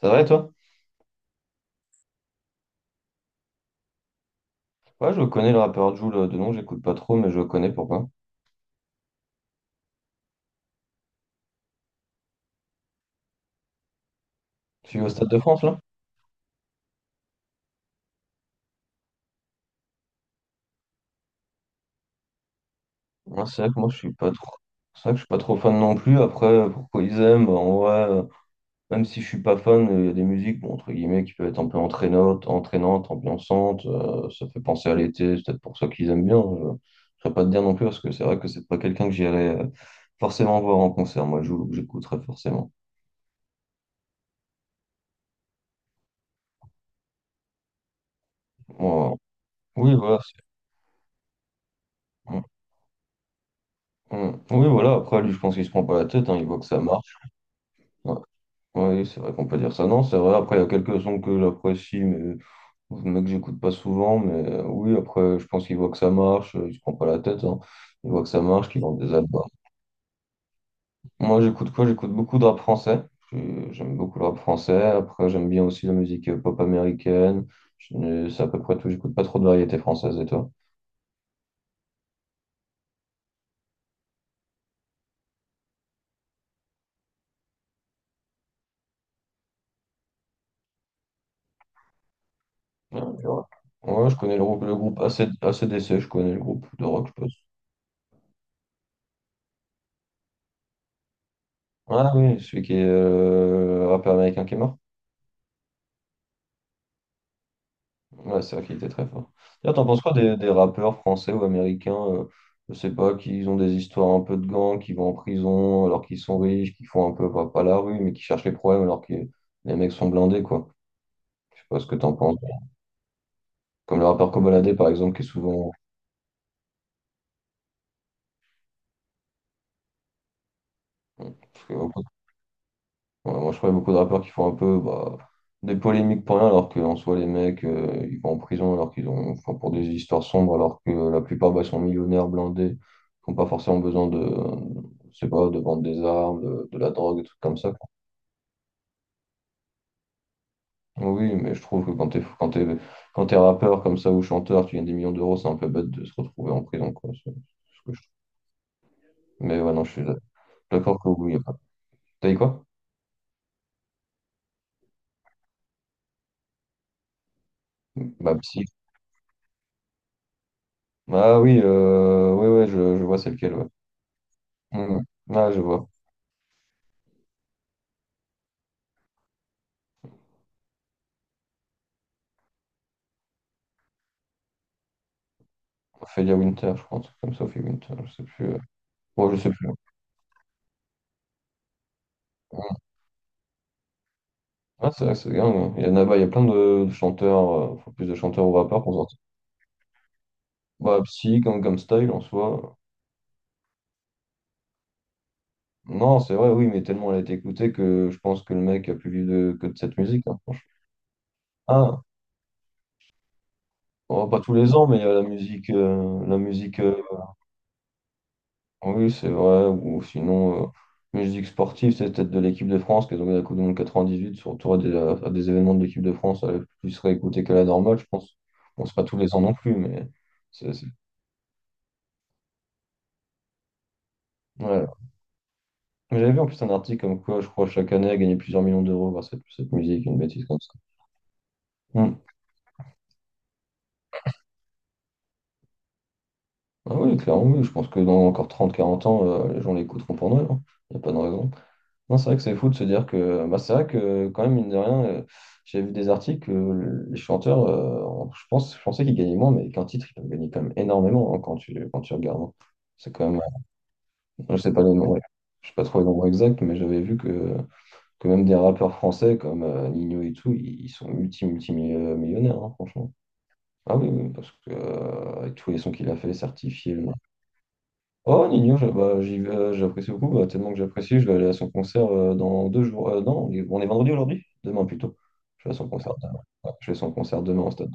C'est vrai, toi? Ouais, je connais le rappeur Jul de nom, j'écoute pas trop, mais je connais pourquoi. Tu es au Stade de France, là? Ouais, c'est vrai que moi, je suis pas trop. C'est vrai que je suis pas trop fan non plus. Après, pourquoi ils aiment, bah, en vrai, même si je suis pas fan, il y a des musiques, bon, entre guillemets, qui peuvent être un peu entraînantes, entraînantes, ambiançantes. Ça fait penser à l'été, c'est peut-être pour ça qu'ils aiment bien. Je ne pas te dire non plus, parce que c'est vrai que c'est pas quelqu'un que j'irais forcément voir en concert. Moi, Jul, que j'écouterais forcément. Moi, oui, voilà. Mm, mm. Oui, voilà. Après, lui, je pense qu'il se prend pas la tête, hein, il voit que ça marche. Ouais. Oui, c'est vrai qu'on peut dire ça. Non, c'est vrai. Après, il y a quelques sons que j'apprécie, mais que j'écoute pas souvent. Mais oui, après, je pense qu'il voit que ça marche. Il se prend pas la tête, hein. Il voit que ça marche, qu'il vend des albums. Moi, j'écoute quoi? J'écoute beaucoup de rap français. J'aime beaucoup le rap français. Après, j'aime bien aussi la musique pop américaine. C'est à peu près tout. J'écoute pas trop de variété française. Et toi? Ouais, je connais le groupe AC- ACDC. Je connais le groupe de rock. Je pense. Ah oui, celui qui est rappeur américain qui est mort. Ouais, c'est vrai qu'il était très fort. D'ailleurs, t'en penses quoi des rappeurs français ou américains, je sais pas, qui ont des histoires un peu de gang, qui vont en prison alors qu'ils sont riches, qui font un peu pas la rue, mais qui cherchent les problèmes alors que les mecs sont blindés, quoi. Je sais pas ce que t'en penses. Comme le rappeur Kobolade, par exemple, qui est souvent. Ouais, moi, je crois qu'il y a beaucoup de rappeurs qui font un peu bah, des polémiques pour rien, alors qu'en soi, les mecs, ils vont en prison alors qu'ils ont, enfin, pour des histoires sombres, alors que la plupart bah, sont millionnaires, blindés, qui n'ont pas forcément besoin de, je sais pas, de vendre des armes, de la drogue, des trucs comme ça, quoi. Oui, mais je trouve que quand t'es rappeur comme ça ou chanteur, tu gagnes des millions d'euros, c'est un peu bête de se retrouver en prison, quoi. C'est ce que je trouve. Mais ouais, non, je suis d'accord que oui, y a pas- T'as dit quoi? Bah, psy. Ah oui, oui, ouais, je vois c'est lequel, ouais. Mm. Ah, je vois. Ophelia Winter, je crois, un truc comme ça, Sophie Winter, je sais plus. Bon, je sais plus. Ah, c'est vrai que c'est dingue, hein. Il y en a, bah, il y a plein de chanteurs, faut plus de chanteurs ou rappeurs pour sortir. Bah, Psy, Gangnam Style en soi. Non, c'est vrai, oui, mais tellement elle a été écoutée que je pense que le mec a plus vivre que de cette musique, hein, franchement. Ah, oh, pas tous les ans, mais il y a la musique. Oui, c'est vrai. Ou sinon, musique sportive, c'est peut-être de l'équipe de France qui a gagné la Coupe du Monde 98, surtout à des événements de l'équipe de France, elle est plus réécoutée que la normale, je pense. Bon, c'est pas tous les ans non plus, mais c'est. c'est- Ouais. Mais j'avais vu en plus un article comme quoi, je crois, chaque année, elle gagnait plusieurs millions d'euros grâce à cette musique, une bêtise comme ça. Hmm. Ah oui, clairement, oui. Je pense que dans encore 30 quarante ans, les gens l'écouteront pour nous. Il n'y a pas de raison. Non, c'est vrai que c'est fou de se dire que bah, c'est vrai que quand même, mine de rien, j'ai vu des articles, les chanteurs, je pensais qu'ils gagnaient moins, mais qu'un titre, ils peuvent gagner quand même énormément, hein, quand tu regardes, hein. C'est quand même, je sais pas les nombres, je sais pas trop les nombres exacts, mais j'avais vu que même des rappeurs français comme Nino et tout, ils sont multi, multi millionnaires, franchement. Ah oui, oui, parce que avec tous les sons qu'il a fait, certifié. Oh, Nino, bah, j'y vais, j'apprécie beaucoup, bah, tellement que j'apprécie, je vais aller à son concert dans 2 jours. Non, on est vendredi aujourd'hui? Demain plutôt. Je vais à son concert demain. Ouais, je vais à son concert demain au stade.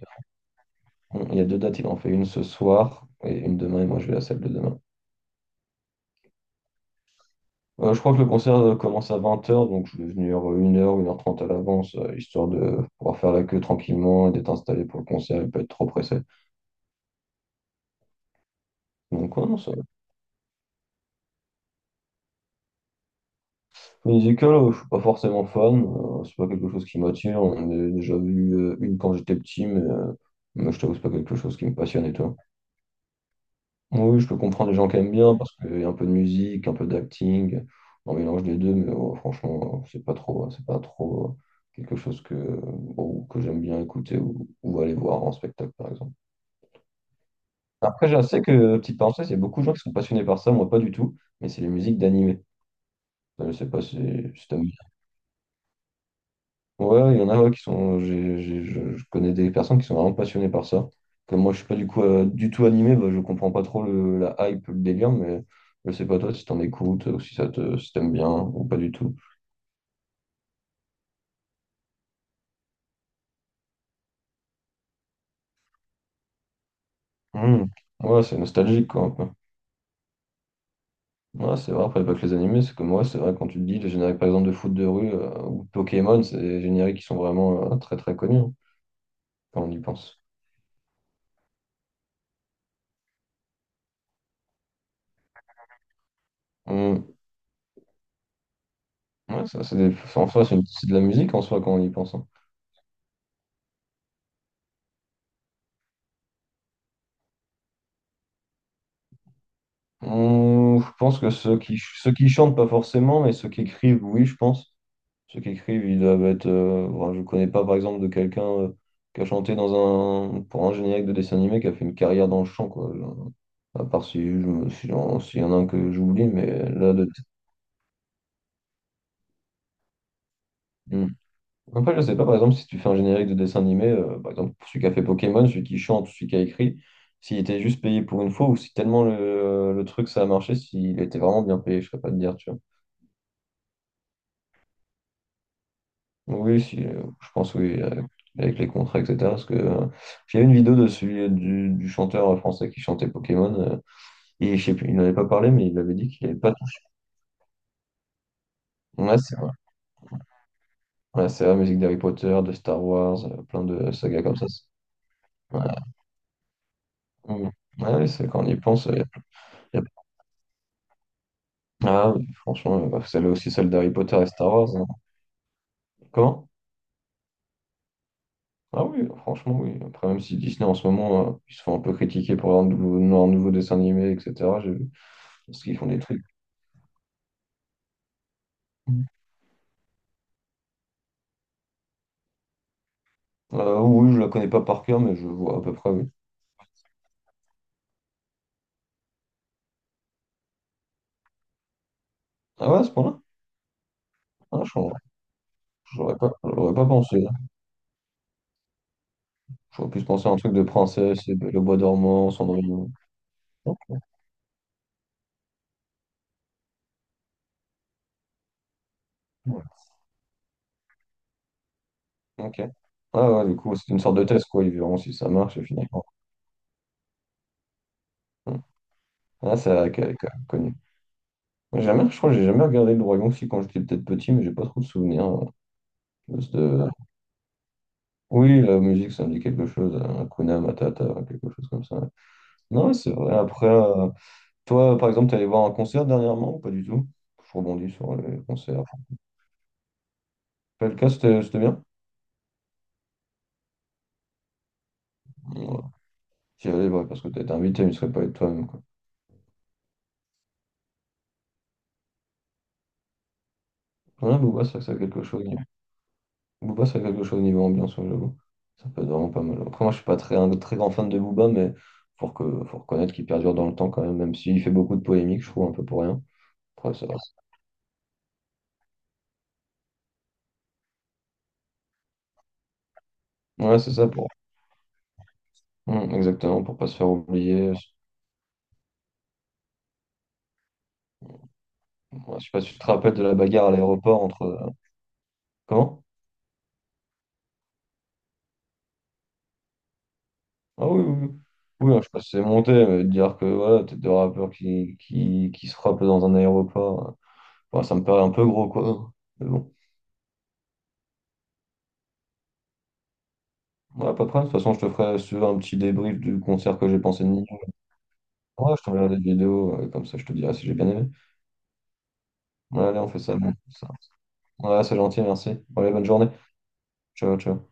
Il y a deux dates, il en fait une ce soir et une demain, et moi je vais à celle de demain. Je crois que le concert commence à 20h, donc je vais venir une heure trente à l'avance, histoire de pouvoir faire la queue tranquillement et d'être installé pour le concert et pas être trop pressé. Donc, ouais, non, ça. Musical, je suis pas forcément fan, c'est pas quelque chose qui m'attire. On en a déjà vu une quand j'étais petit, mais je t'avoue, c'est pas quelque chose qui me passionne, et toi? Oui, je peux comprendre les gens qui aiment bien parce qu'il y a un peu de musique, un peu d'acting, un mélange des deux, mais franchement, c'est pas trop quelque chose que, bon, que j'aime bien écouter ou aller voir en spectacle, par exemple. Après, je sais que, petite parenthèse, il y a beaucoup de gens qui sont passionnés par ça, moi pas du tout, mais c'est les musiques d'animé. Je sais pas si, c'est ouais, il y en a ouais, qui sont. Je connais des personnes qui sont vraiment passionnées par ça. Comme moi, je suis pas du coup du tout animé, bah, je comprends pas trop la hype, le délire, mais je sais pas toi si t'en écoutes, ou si ça te, si t'aimes bien, ou pas du tout. Hmm. Ouais, c'est nostalgique, quoi, un peu. Ouais, c'est vrai, après, pas que les animés, c'est comme ouais, c'est vrai, quand tu te dis, les génériques, par exemple, de foot de rue ou de Pokémon, c'est des génériques qui sont vraiment très très connus, hein, quand on y pense. Hmm. Ouais, ça, en soi, c'est de la musique en soi, quand on y pense, hein. Je pense que ceux qui chantent, pas forcément, mais ceux qui écrivent, oui, je pense. Ceux qui écrivent, ils doivent être. Bon, je connais pas, par exemple, de quelqu'un qui a chanté pour un générique de dessin animé qui a fait une carrière dans le chant, quoi. À part si je me- si j'en- s'il y en a un que j'oublie, mais là, de. Hum. Après, je sais pas, par exemple, si tu fais un générique de dessin animé, par exemple, celui qui a fait Pokémon, celui qui chante, celui qui a écrit, s'il était juste payé pour une fois ou si tellement le truc ça a marché, s'il était vraiment bien payé, je serais pas de dire, tu vois. Oui, si, je pense oui, avec les contrats, etc. Parce que j'ai vu une vidéo de celui du chanteur français qui chantait Pokémon. Et je sais plus, il n'en avait pas parlé, mais il avait dit qu'il n'avait pas. Ouais, c'est vrai. Ouais, c'est vrai, musique d'Harry Potter, de Star Wars, plein de sagas comme ça. Ouais. Mm. Ouais, c'est quand on y pense. Y a- Ah, oui, franchement, bah, celle aussi, celle d'Harry Potter et Star Wars, hein. Comment? Ah oui, franchement, oui. Après, même si Disney en ce moment, ils se font un peu critiquer pour leur nouveau dessin animé, etc. J'ai vu. Parce qu'ils font des trucs. Oui, je la connais pas par cœur, mais je vois à peu près, oui. Ah ouais, à ce point-là? Ah, j'aurais pas pensé, hein. J'aurais plus pensé à un truc de princesse, et le bois dormant, Cendrillon. Non. Ouais. Ok. Ah ouais, du coup, c'est une sorte de test, quoi. Ils verront si ça marche, et finalement. Hmm. Ah, c'est vrai qu'elle est quand même connue. J'ai Jamais, Je crois que j'ai jamais regardé le Dragon si quand j'étais peut-être petit, mais j'ai pas trop de souvenirs. De... ce- Oui, la musique, ça me dit quelque chose. Hakuna Matata, quelque chose comme ça. Non, ouais, c'est vrai. Après, toi, par exemple, t'es allé voir un concert dernièrement ou pas du tout? Je rebondis sur les concerts. Pelka, c'était bien? Ouais. J'y allais, ouais, parce que t'as été invité, mais tu serais pas allé de toi-même, quoi. Ouais, Booba, ça a quelque chose. Booba, ça a quelque chose niveau ambiance, ouais, j'avoue. Ça peut être vraiment pas mal. Après, moi, je suis pas un très grand fan de Booba, mais faut reconnaître qu'il perdure dans le temps quand même, même s'il fait beaucoup de polémiques, je trouve, un peu pour rien. Après, ça va. Ouais, c'est ça, pour. Exactement, pour pas se faire oublier. Ouais, je sais pas si tu te rappelles de la bagarre à l'aéroport entre. Comment? Ah oui, oui, oui. Oui, hein, je sais pas si c'est monté, mais de dire que voilà, t'es deux rappeurs qui se frappent dans un aéroport, enfin, ça me paraît un peu gros, quoi. Mais bon, voilà, pas de problème. De toute façon, je te ferai si tu veux, un petit débrief du concert que j'ai pensé de Nino. Ouais, je t'enverrai des vidéos, comme ça je te dirai si j'ai bien aimé. Ouais, allez, on fait ça, bon, ça. Ouais, c'est gentil, merci. Allez, bonne journée. Ciao, ciao.